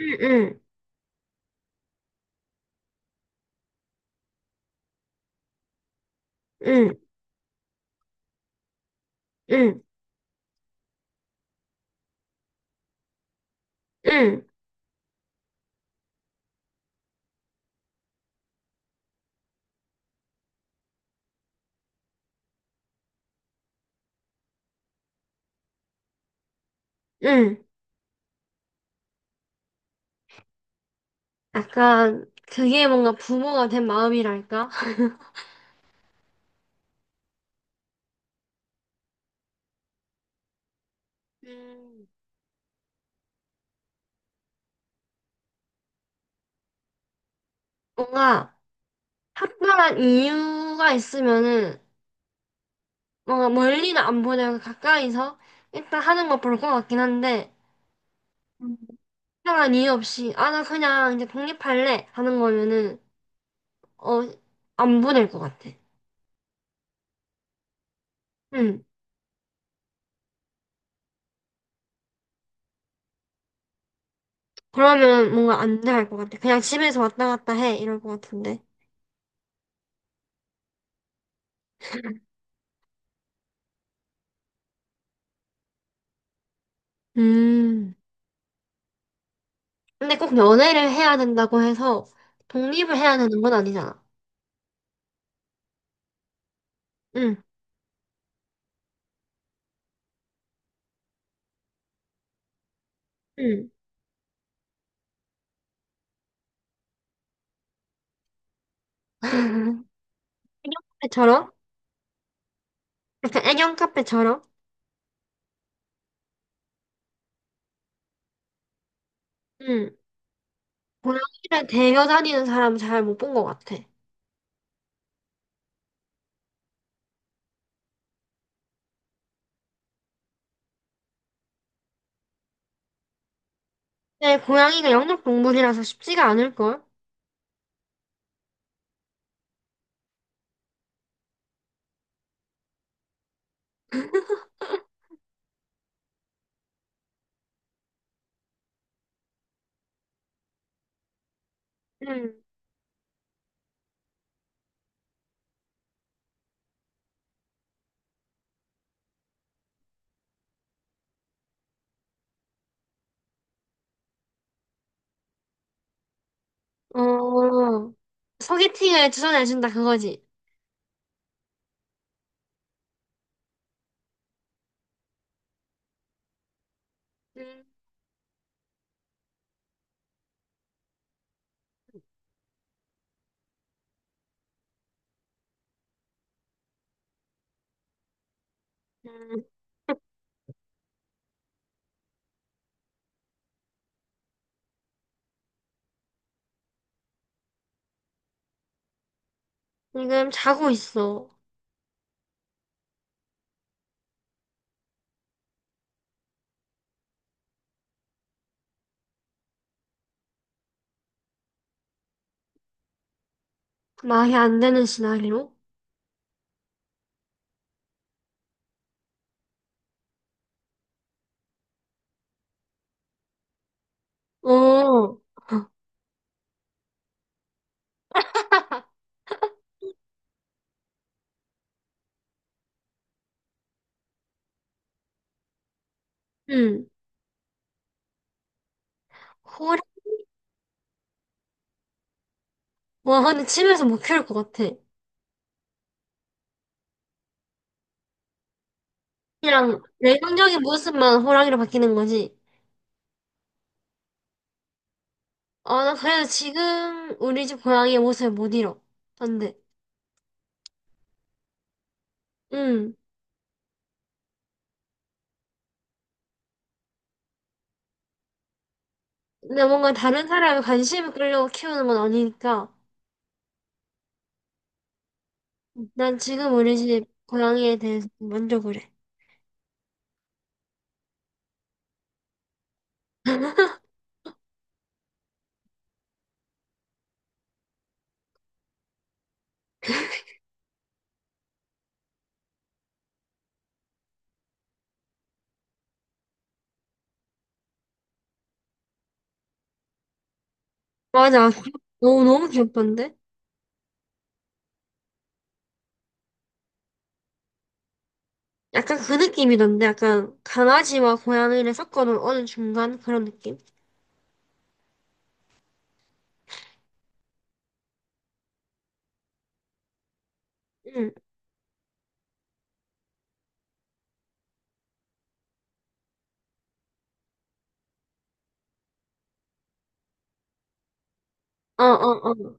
응, 응, 응, 응, 응. 약간 그게 뭔가 부모가 된 마음이랄까? 음. 뭔가 특별한 이유가 있으면은 뭔가 멀리는 안 보내고 가까이서 일단 하는 거 볼 것 같긴 한데. 음. 특별한 이유 없이 아 나 그냥 이제 독립할래 하는 거면은 어 안 보낼 것 같아. 응. 그러면 뭔가 안 될 것 같아. 그냥 집에서 왔다 갔다 해 이럴 것 같은데. 음. 근데 꼭 연애를 해야 된다고 해서 독립을 해야 되는 건 아니잖아. 응, 응. 애견 카페처럼? 약간 애견 카페처럼? 응. 고양이를 데려 다니는 사람 잘 못 본 것 같아. 근데 고양이가 영역동물이라서 쉽지가 않을걸? 응. 어, 소개팅을 추천해준다 그거지. 응. 응. 지금 자고 있어. 말이 안 되는 시나리오? 어. 응. 호랑, 와, 근데 집에서 못 키울 것 같아. 그냥 내성적인 모습만 호랑이로 바뀌는 거지. 어, 나 그래서 지금 우리 집 고양이의 모습을 못 잃어. 안 돼. 응. 근데 뭔가 다른 사람의 관심을 끌려고 키우는 건 아니니까. 난 지금 우리 집 고양이에 대해서 만족을 해. 맞아. 귀엽- 너무, 너무 귀엽던데? 약간 그 느낌이던데? 약간 강아지와 고양이를 섞어놓은 어느 중간 그런 느낌? 응. 어, 어, 어.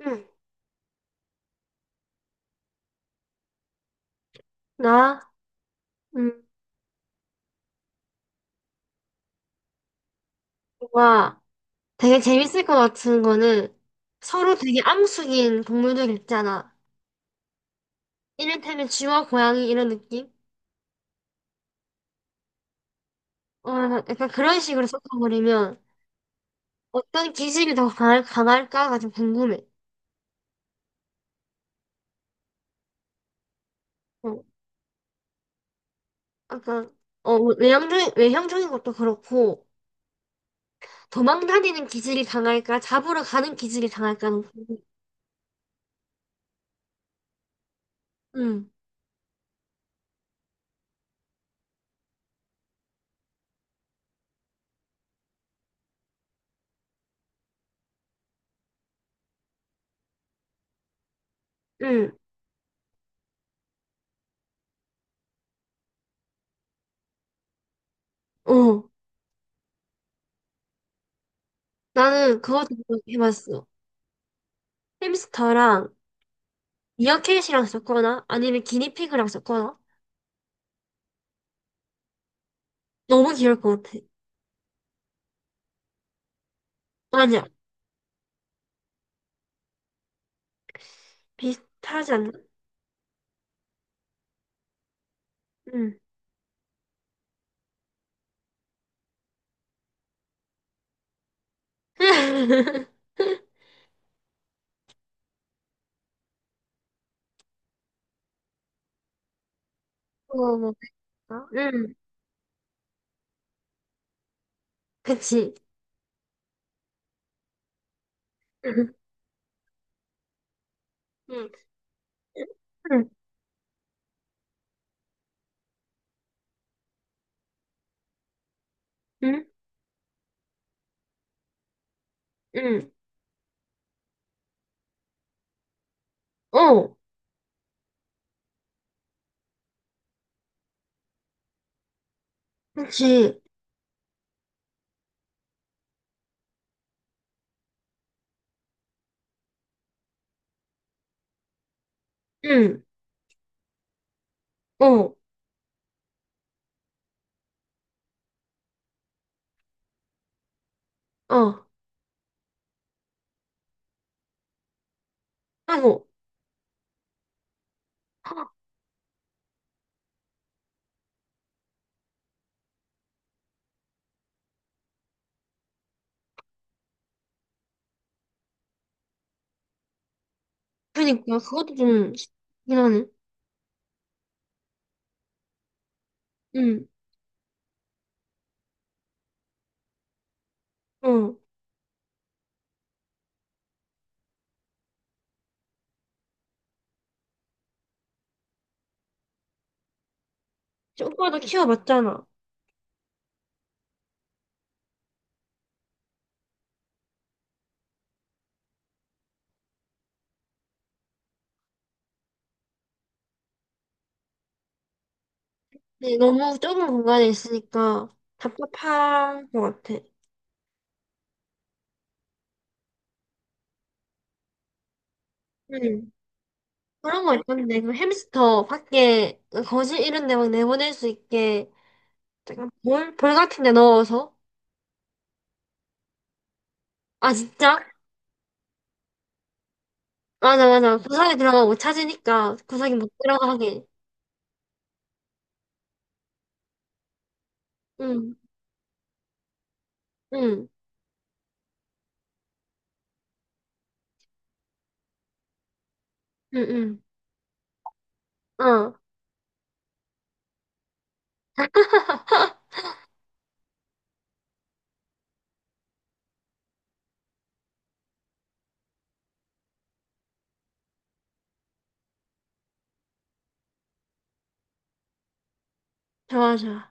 응. 나? 응. 좋아. 되게 재밌을 것 같은 거는 서로 되게 암숙인 동물들 있잖아. 이를테면 쥐와 고양이 이런 느낌? 어, 약간 그런 식으로 섞어버리면 어떤 기질이 더 강할까가 좀 궁금해. 어, 약간, 어, 외형적인 것도 그렇고, 도망다니는 기질이 강할까, 잡으러 가는 기질이 강할까는 궁금해. 응, 응, 어. 나는 그것도 해봤어. 햄스터랑 미어캣이랑 섞거나 아니면 기니피그랑 섞거나 너무 귀여울 것 같아. 맞아. 비슷하지 않나? 응. 뭐먹까 응. 그치. 응. 응. 응. 응. 응. 어. 그치. 응. 어. 어. 아이고. 헉, 그니까 그것도 좀 쉽긴 하네. 응. 어. 오빠도 키워봤잖아. 근데 너무 좁은 공간에 있으니까 답답한 것 같아. 응. 그런 거 있던데, 그 햄스터 밖에 그 거실 이런 데 막 내보낼 수 있게 내가 볼 같은 데 넣어서. 아, 진짜? 맞아, 맞아. 구석에 들어가고 찾으니까 구석에 못 들어가게. 응, 응, 응, 응. 어, 좋아, 좋아.